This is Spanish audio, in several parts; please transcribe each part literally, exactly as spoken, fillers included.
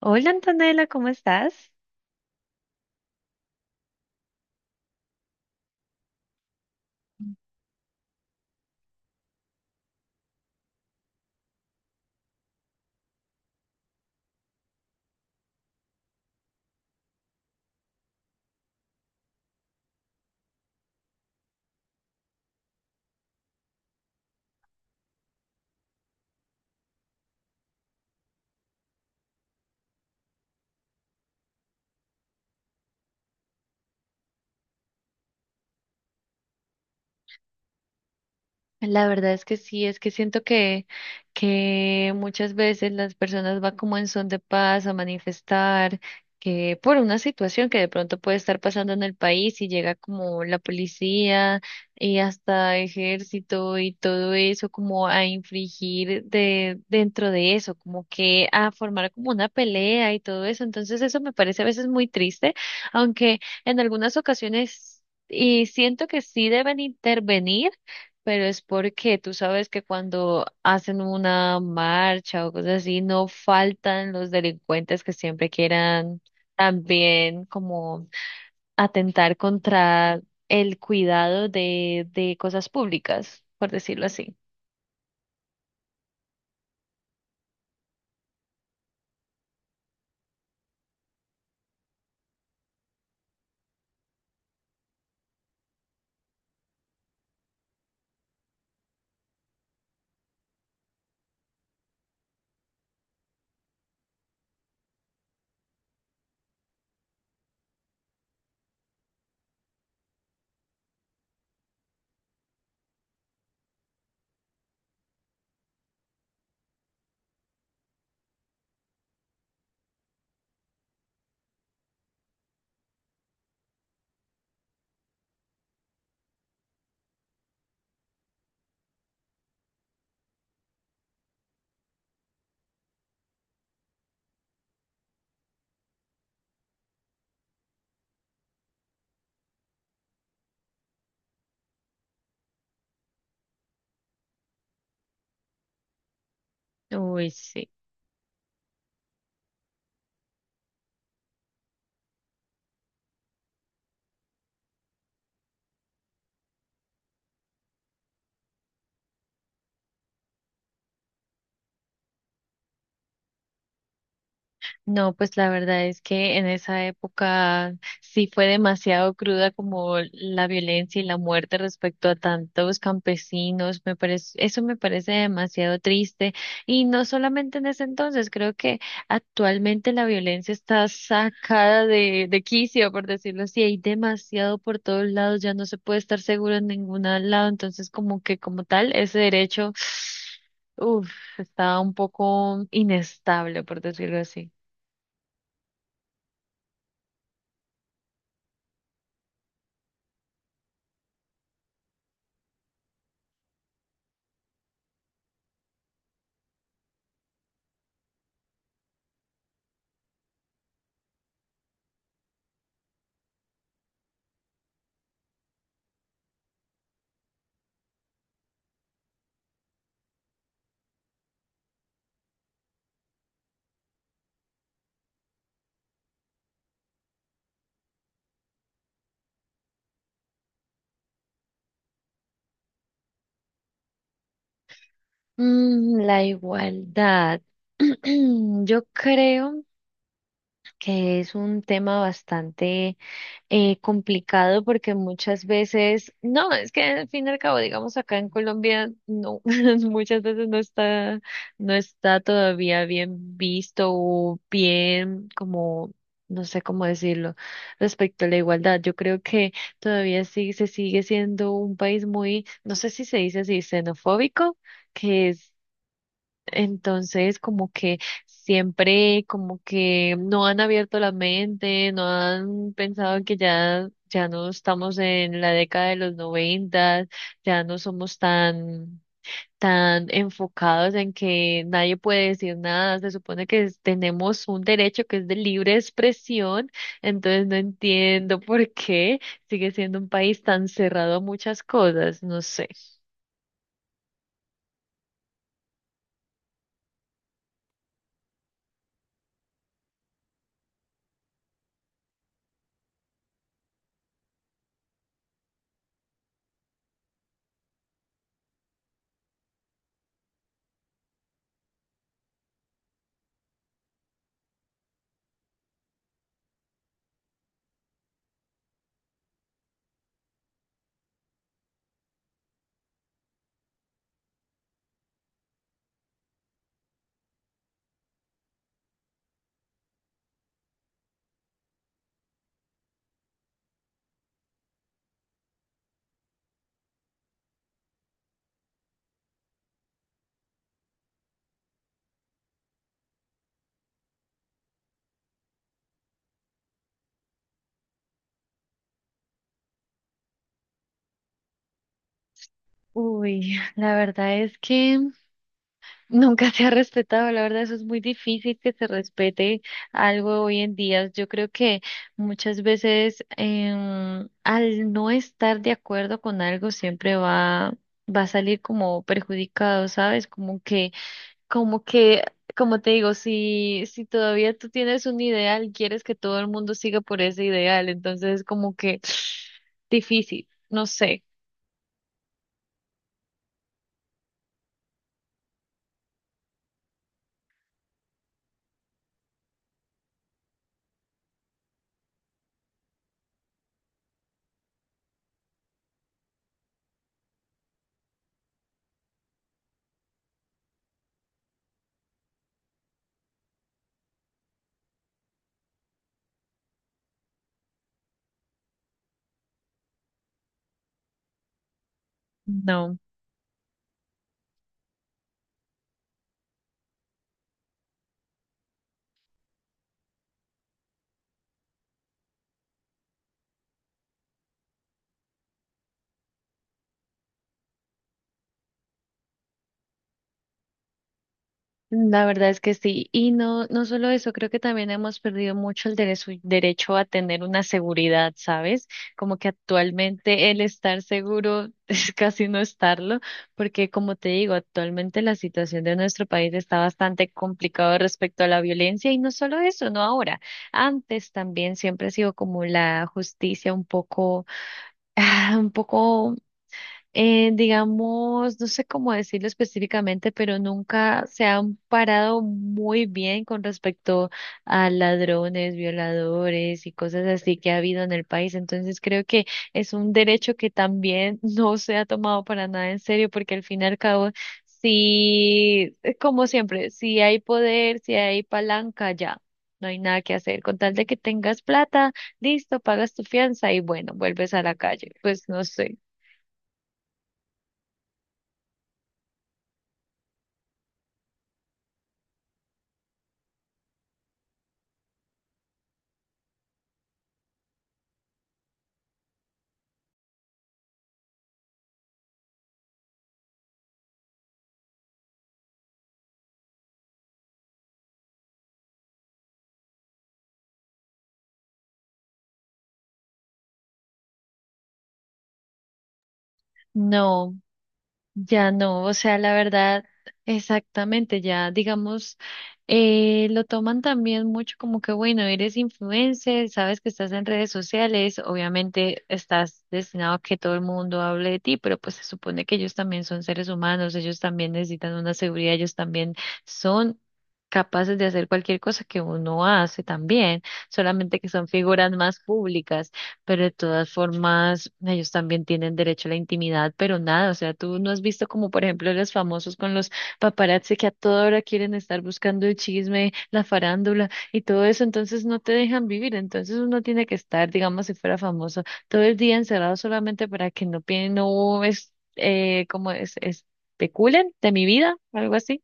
Hola Antonella, ¿cómo estás? La verdad es que sí, es que siento que, que muchas veces las personas van como en son de paz a manifestar que por una situación que de pronto puede estar pasando en el país y llega como la policía y hasta ejército y todo eso como a infringir de dentro de eso, como que a formar como una pelea y todo eso. Entonces eso me parece a veces muy triste, aunque en algunas ocasiones y siento que sí deben intervenir, pero es porque tú sabes que cuando hacen una marcha o cosas así, no faltan los delincuentes que siempre quieran también como atentar contra el cuidado de, de cosas públicas, por decirlo así. Uy, sí. No, pues la verdad es que en esa época sí fue demasiado cruda como la violencia y la muerte respecto a tantos campesinos. Me parece, eso me parece demasiado triste. Y no solamente en ese entonces, creo que actualmente la violencia está sacada de, de quicio, por decirlo así. Hay demasiado por todos lados, ya no se puede estar seguro en ningún lado. Entonces, como que como tal, ese derecho, uff, está un poco inestable, por decirlo así. Mm, la igualdad. Yo creo que es un tema bastante eh, complicado porque muchas veces, no, es que al fin y al cabo, digamos acá en Colombia, no, muchas veces no está, no está todavía bien visto o bien como, no sé cómo decirlo, respecto a la igualdad. Yo creo que todavía sí se sigue siendo un país muy, no sé si se dice así, xenofóbico, que es entonces, como que siempre, como que no han abierto la mente, no han pensado que ya, ya no estamos en la década de los noventas, ya no somos tan, tan enfocados en que nadie puede decir nada. Se supone que es- tenemos un derecho que es de libre expresión, entonces no entiendo por qué sigue siendo un país tan cerrado a muchas cosas, no sé. Uy, la verdad es que nunca se ha respetado, la verdad, eso es muy difícil que se respete algo hoy en día. Yo creo que muchas veces em, al no estar de acuerdo con algo siempre va, va a salir como perjudicado, ¿sabes? Como que, como que, como te digo, si, si todavía tú tienes un ideal, quieres que todo el mundo siga por ese ideal, entonces es como que difícil, no sé, no. La verdad es que sí. Y no, no solo eso, creo que también hemos perdido mucho el derecho, derecho a tener una seguridad, ¿sabes? Como que actualmente el estar seguro es casi no estarlo, porque como te digo, actualmente la situación de nuestro país está bastante complicada respecto a la violencia y no solo eso, no ahora. Antes también siempre ha sido como la justicia un poco, ah, un poco eh, digamos, no sé cómo decirlo específicamente, pero nunca se han parado muy bien con respecto a ladrones, violadores y cosas así que ha habido en el país. Entonces creo que es un derecho que también no se ha tomado para nada en serio, porque al fin y al cabo, si, es como siempre, si hay poder, si hay palanca, ya. No hay nada que hacer. Con tal de que tengas plata, listo, pagas tu fianza y bueno, vuelves a la calle. Pues no sé. No. Ya no, o sea, la verdad, exactamente, ya digamos, eh, lo toman también mucho como que, bueno, eres influencer, sabes que estás en redes sociales, obviamente estás destinado a que todo el mundo hable de ti, pero pues se supone que ellos también son seres humanos, ellos también necesitan una seguridad, ellos también son capaces de hacer cualquier cosa que uno hace también, solamente que son figuras más públicas, pero de todas formas, ellos también tienen derecho a la intimidad, pero nada, o sea, tú no has visto como, por ejemplo, los famosos con los paparazzi que a toda hora quieren estar buscando el chisme, la farándula y todo eso, entonces no te dejan vivir, entonces uno tiene que estar, digamos, si fuera famoso, todo el día encerrado solamente para que no, pi- no es, eh, como es, especulen de mi vida, algo así.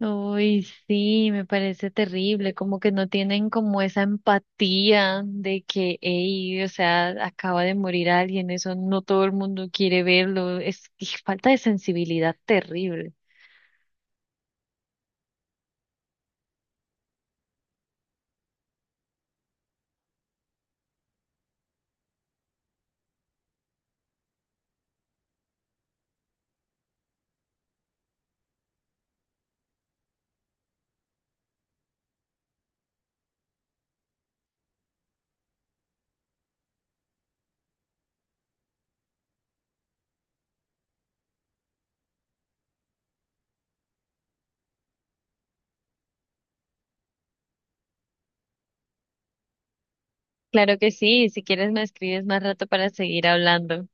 Uy, sí, me parece terrible, como que no tienen como esa empatía de que, ey, o sea, acaba de morir alguien, eso no todo el mundo quiere verlo, es y falta de sensibilidad terrible. Claro que sí, si quieres me escribes más rato para seguir hablando.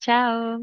Chao.